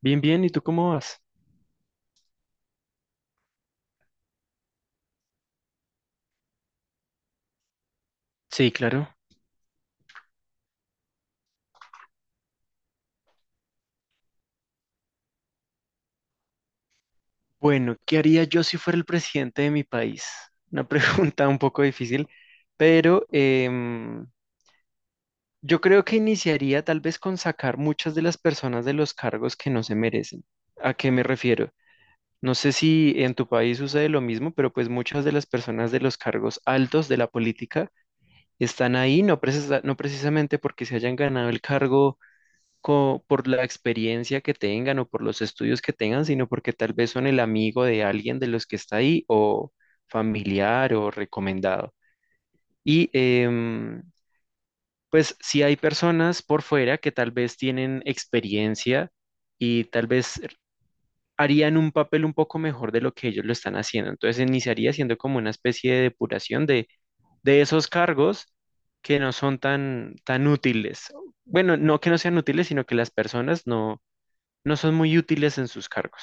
Bien, bien, ¿y tú cómo vas? Sí, claro. Bueno, ¿qué haría yo si fuera el presidente de mi país? Una pregunta un poco difícil, pero yo creo que iniciaría tal vez con sacar muchas de las personas de los cargos que no se merecen. ¿A qué me refiero? No sé si en tu país sucede lo mismo, pero pues muchas de las personas de los cargos altos de la política están ahí, no precisamente porque se hayan ganado el cargo por la experiencia que tengan o por los estudios que tengan, sino porque tal vez son el amigo de alguien de los que está ahí o familiar o recomendado. Y pues si hay personas por fuera que tal vez tienen experiencia y tal vez harían un papel un poco mejor de lo que ellos lo están haciendo. Entonces iniciaría siendo como una especie de depuración de esos cargos que no son tan, tan útiles. Bueno, no que no sean útiles, sino que las personas no, no son muy útiles en sus cargos.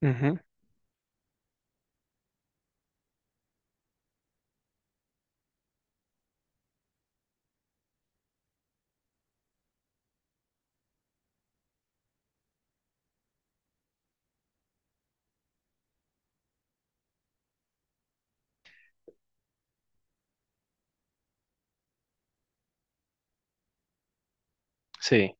Ujú, ujú, sí,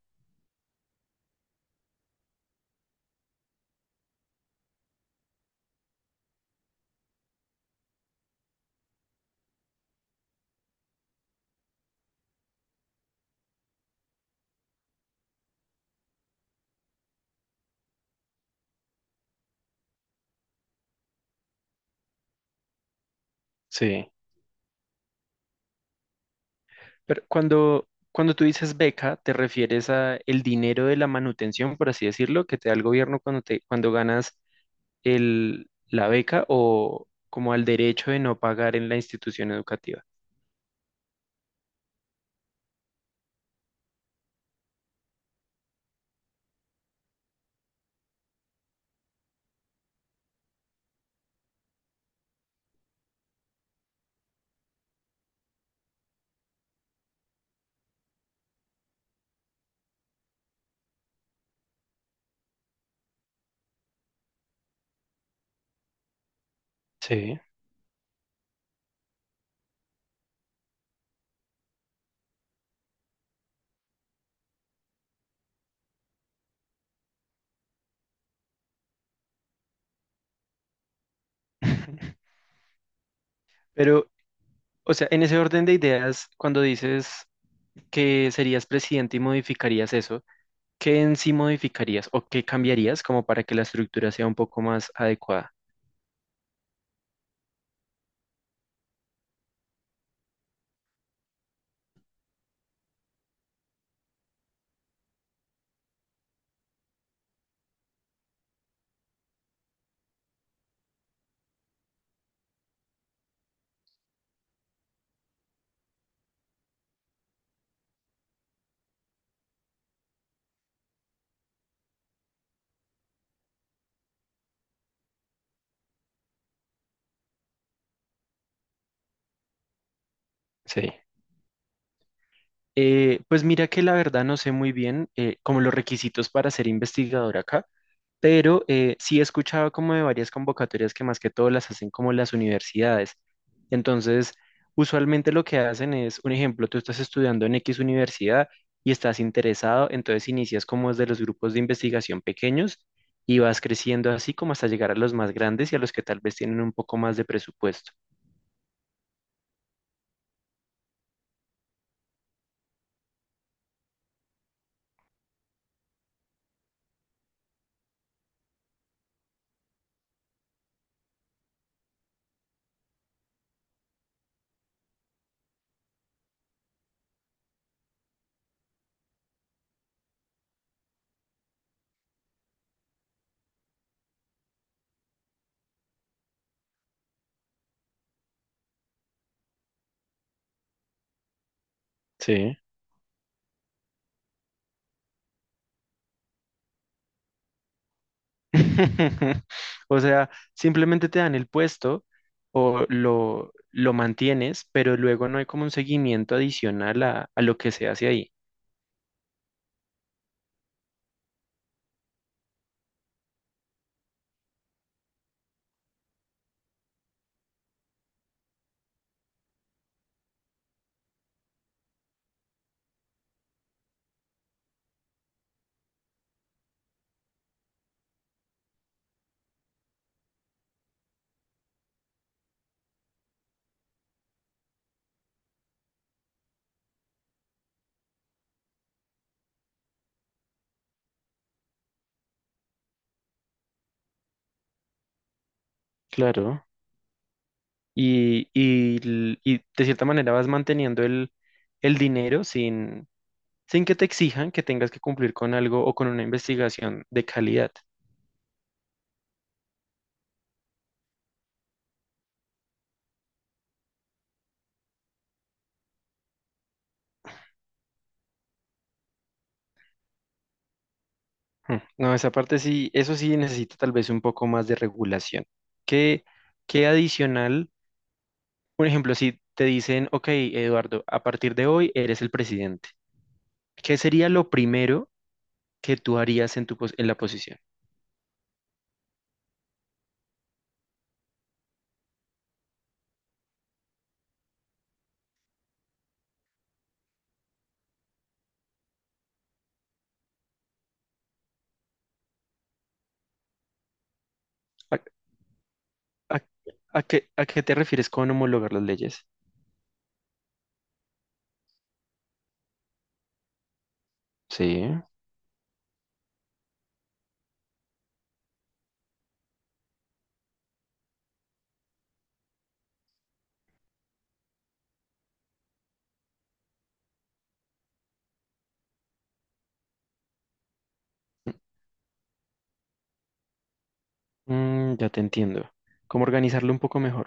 sí. Pero cuando tú dices beca, te refieres a el dinero de la manutención, por así decirlo, que te da el gobierno cuando te, cuando ganas el, la beca o como al derecho de no pagar en la institución educativa. Sí. Pero, o sea, en ese orden de ideas, cuando dices que serías presidente y modificarías eso, ¿qué en sí modificarías o qué cambiarías como para que la estructura sea un poco más adecuada? Sí, pues mira que la verdad no sé muy bien como los requisitos para ser investigador acá, pero sí he escuchado como de varias convocatorias que más que todo las hacen como las universidades. Entonces, usualmente lo que hacen es, un ejemplo, tú estás estudiando en X universidad y estás interesado, entonces inicias como desde los grupos de investigación pequeños y vas creciendo así como hasta llegar a los más grandes y a los que tal vez tienen un poco más de presupuesto. O sea, simplemente te dan el puesto o lo mantienes, pero luego no hay como un seguimiento adicional a lo que se hace ahí. Claro, y, y de cierta manera vas manteniendo el dinero sin, sin que te exijan que tengas que cumplir con algo o con una investigación de calidad. Hmm. No, esa parte sí, eso sí necesita tal vez un poco más de regulación. ¿Qué, qué adicional? Un ejemplo, si te dicen, ok, Eduardo, a partir de hoy eres el presidente, ¿qué sería lo primero que tú harías en tu en la posición? ¿A, a- a qué te refieres con homologar las leyes? Sí. Mm, ya te entiendo. ¿Cómo organizarlo un poco mejor?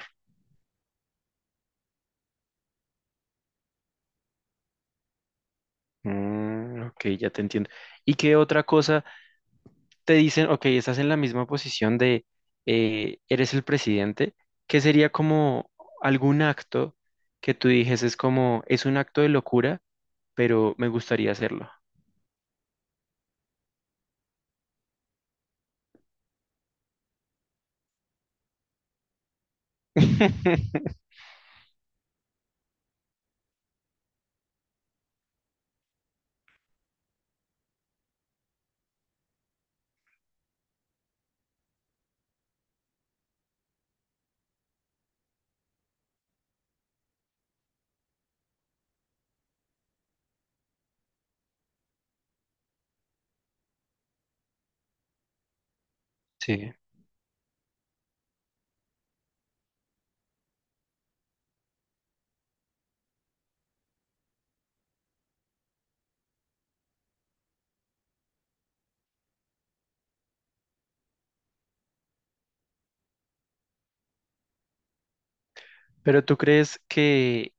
Mm, ok, ya te entiendo. ¿Y qué otra cosa te dicen, ok, estás en la misma posición de eres el presidente? ¿Qué sería como algún acto que tú dijes es como, es un acto de locura? Pero me gustaría hacerlo. Sí. Pero ¿tú crees que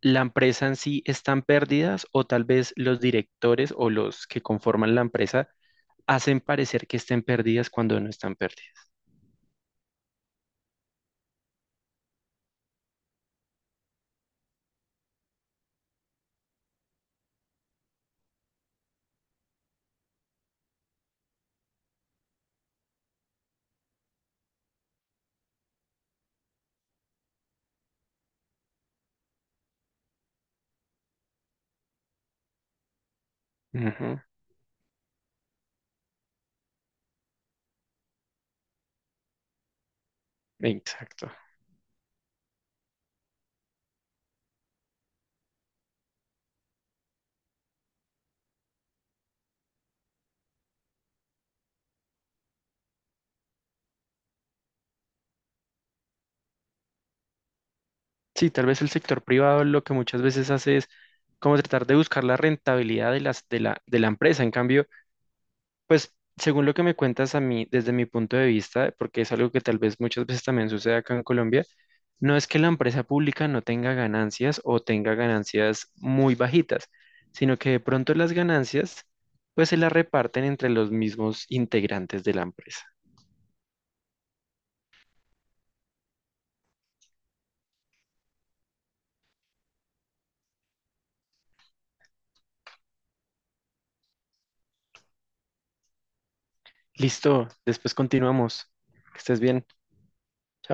la empresa en sí está en pérdidas o tal vez los directores o los que conforman la empresa hacen parecer que estén pérdidas cuando no están pérdidas? Ujú, exacto. Sí, tal vez el sector privado lo que muchas veces hace es como tratar de buscar la rentabilidad de las, de la empresa. En cambio, pues según lo que me cuentas a mí, desde mi punto de vista, porque es algo que tal vez muchas veces también sucede acá en Colombia, no es que la empresa pública no tenga ganancias o tenga ganancias muy bajitas, sino que de pronto las ganancias pues se las reparten entre los mismos integrantes de la empresa. Listo, después continuamos. Que estés bien. Chao.